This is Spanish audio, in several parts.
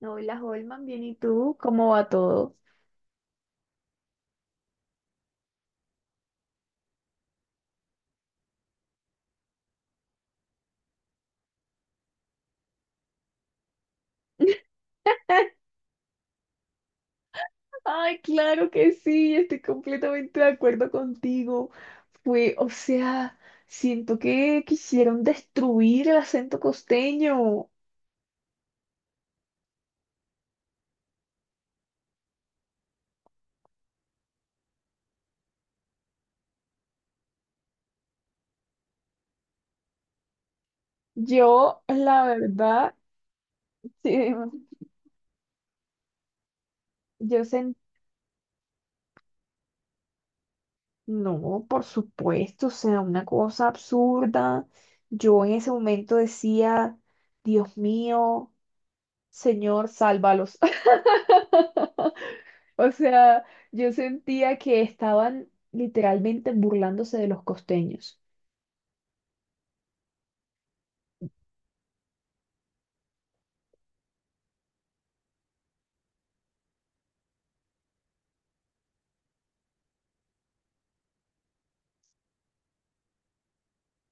Hola, Holman, bien, ¿y tú? ¿Cómo va todo? Ay, claro que sí, estoy completamente de acuerdo contigo. O sea, siento que quisieron destruir el acento costeño. Yo, la verdad, sí, yo sentí, no, por supuesto, o sea, una cosa absurda. Yo en ese momento decía, Dios mío, Señor, sálvalos. O sea, yo sentía que estaban literalmente burlándose de los costeños.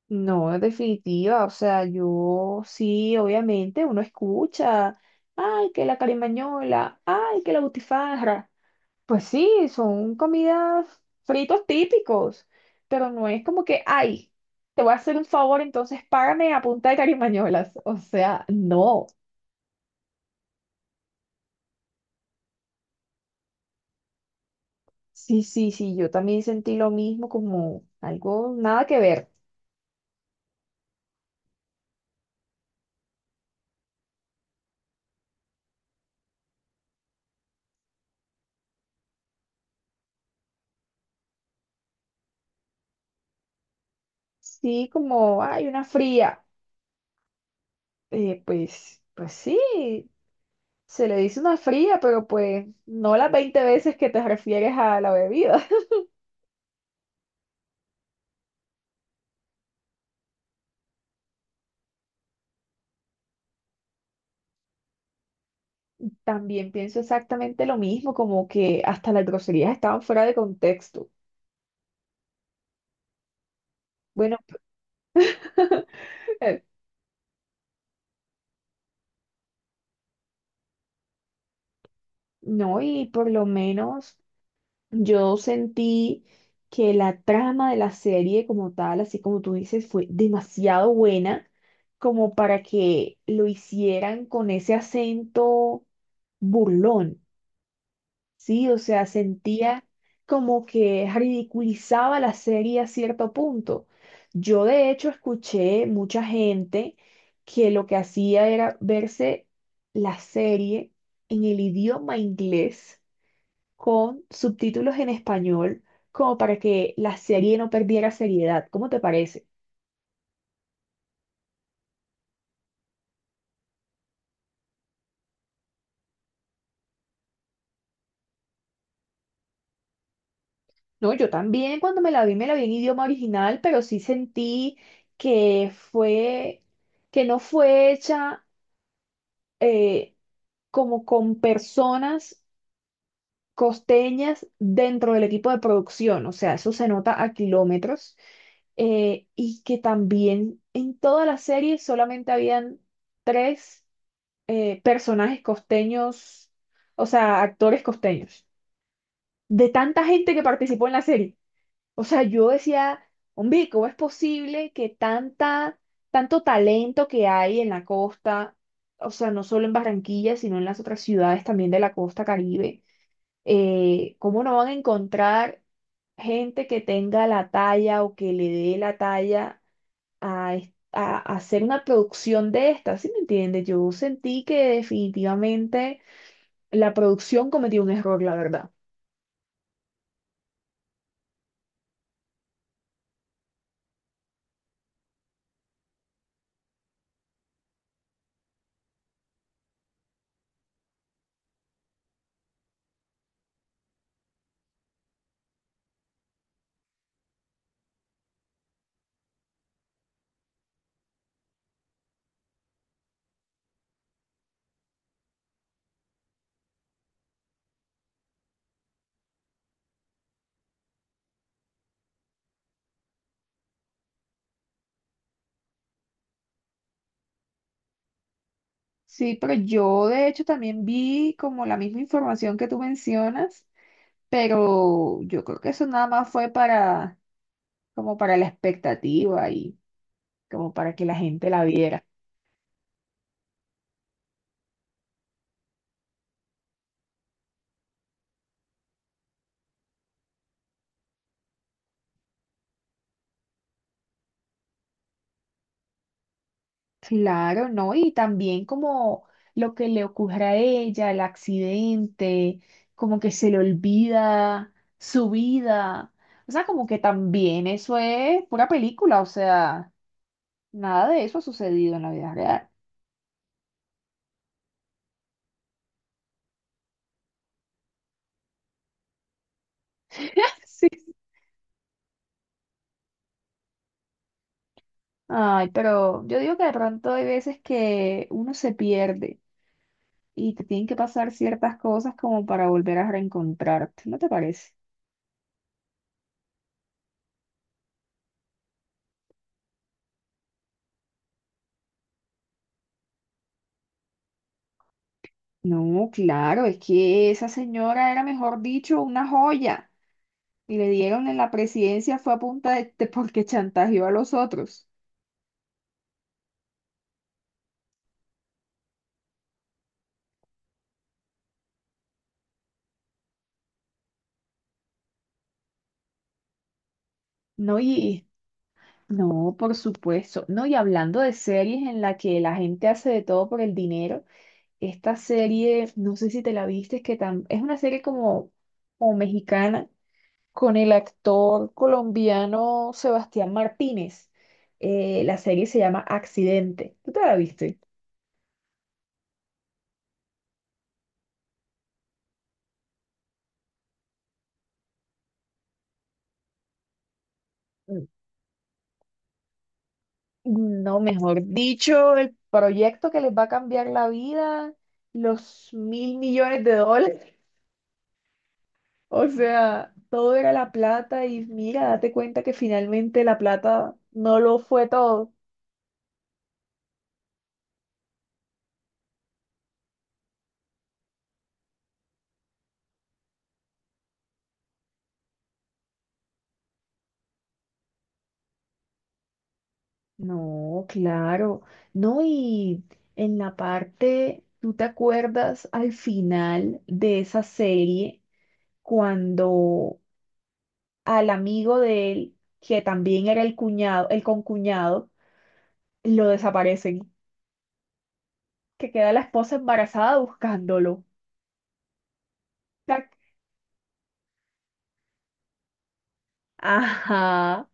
No, en definitiva, o sea, yo sí, obviamente, uno escucha, ay, que la carimañola, ay, que la butifarra. Pues sí, son comidas fritos típicos, pero no es como que, ay, te voy a hacer un favor, entonces págame a punta de carimañolas. O sea, no. Sí, sí, sí, yo también sentí lo mismo como algo, nada que ver. Sí, como, hay una fría. Pues, sí, se le dice una fría, pero pues no las 20 veces que te refieres a la bebida. También pienso exactamente lo mismo, como que hasta las groserías estaban fuera de contexto. Bueno, no, y por lo menos yo sentí que la trama de la serie como tal, así como tú dices, fue demasiado buena como para que lo hicieran con ese acento burlón. Sí, o sea, sentía como que ridiculizaba la serie a cierto punto. Yo de hecho escuché mucha gente que lo que hacía era verse la serie en el idioma inglés con subtítulos en español, como para que la serie no perdiera seriedad. ¿Cómo te parece? No, yo también cuando me la vi en idioma original, pero sí sentí que fue, que no fue hecha eh, como con personas costeñas dentro del equipo de producción, o sea, eso se nota a kilómetros, y que también en toda la serie solamente habían 3 personajes costeños, o sea, actores costeños, de tanta gente que participó en la serie. O sea, yo decía, hombre, ¿cómo es posible que tanto talento que hay en la costa, o sea, no solo en Barranquilla, sino en las otras ciudades también de la costa Caribe? ¿Cómo no van a encontrar gente que tenga la talla o que le dé la talla a hacer una producción de esta? ¿Sí me entiendes? Yo sentí que definitivamente la producción cometió un error, la verdad. Sí, pero yo de hecho también vi como la misma información que tú mencionas, pero yo creo que eso nada más fue para, como para la expectativa y como para que la gente la viera. Claro, ¿no? Y también como lo que le ocurre a ella, el accidente, como que se le olvida su vida. O sea, como que también eso es pura película, o sea, nada de eso ha sucedido en la vida real. Sí. Ay, pero yo digo que de pronto hay veces que uno se pierde y te tienen que pasar ciertas cosas como para volver a reencontrarte, ¿no te parece? No, claro, es que esa señora era, mejor dicho, una joya. Y le dieron en la presidencia fue a punta porque chantajeó a los otros. No, y no, por supuesto. No, y hablando de series en la que la gente hace de todo por el dinero, esta serie, no sé si te la viste, es que es una serie como mexicana con el actor colombiano Sebastián Martínez. La serie se llama Accidente. ¿Tú te la viste? No, mejor dicho, el proyecto que les va a cambiar la vida, los 1.000 millones de dólares. O sea, todo era la plata y mira, date cuenta que finalmente la plata no lo fue todo. No, claro. No, y en la parte, ¿tú te acuerdas al final de esa serie cuando al amigo de él, que también era el cuñado, el concuñado, lo desaparecen? Que queda la esposa embarazada buscándolo. Tac. Ajá,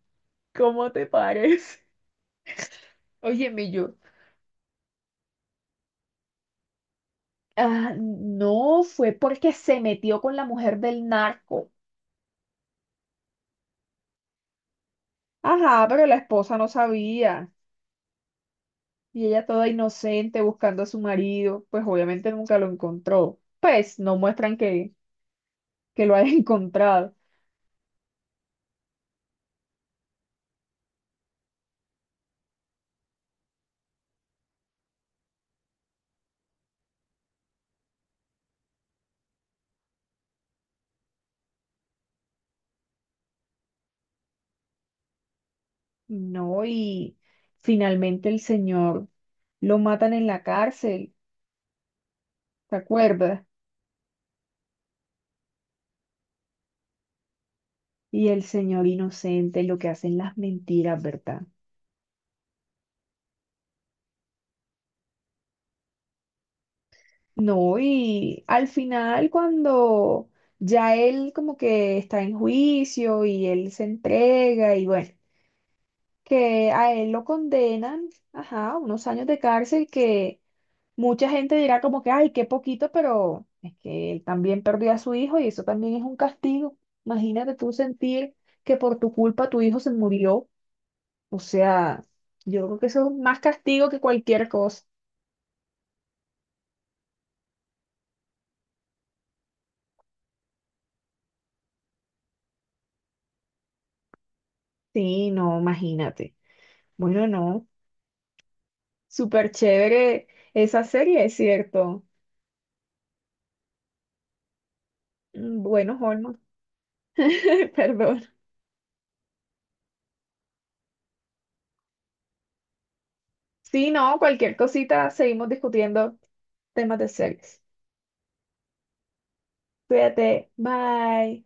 ¿cómo te parece? Óyeme yo. Ah, no, fue porque se metió con la mujer del narco. Ajá, pero la esposa no sabía. Y ella toda inocente buscando a su marido, pues obviamente nunca lo encontró. Pues no muestran que, lo haya encontrado. No, y finalmente el señor lo matan en la cárcel, ¿te acuerdas? Y el señor inocente, lo que hacen las mentiras, ¿verdad? No, y al final cuando ya él como que está en juicio y él se entrega y bueno, que a él lo condenan, ajá, unos años de cárcel que mucha gente dirá como que, ay, qué poquito, pero es que él también perdió a su hijo y eso también es un castigo. Imagínate tú sentir que por tu culpa tu hijo se murió. O sea, yo creo que eso es más castigo que cualquier cosa. Sí, no, imagínate. Bueno, no, súper chévere esa serie, es cierto. Mm, bueno, Holman, perdón. Sí, no, cualquier cosita, seguimos discutiendo temas de series. Cuídate, bye.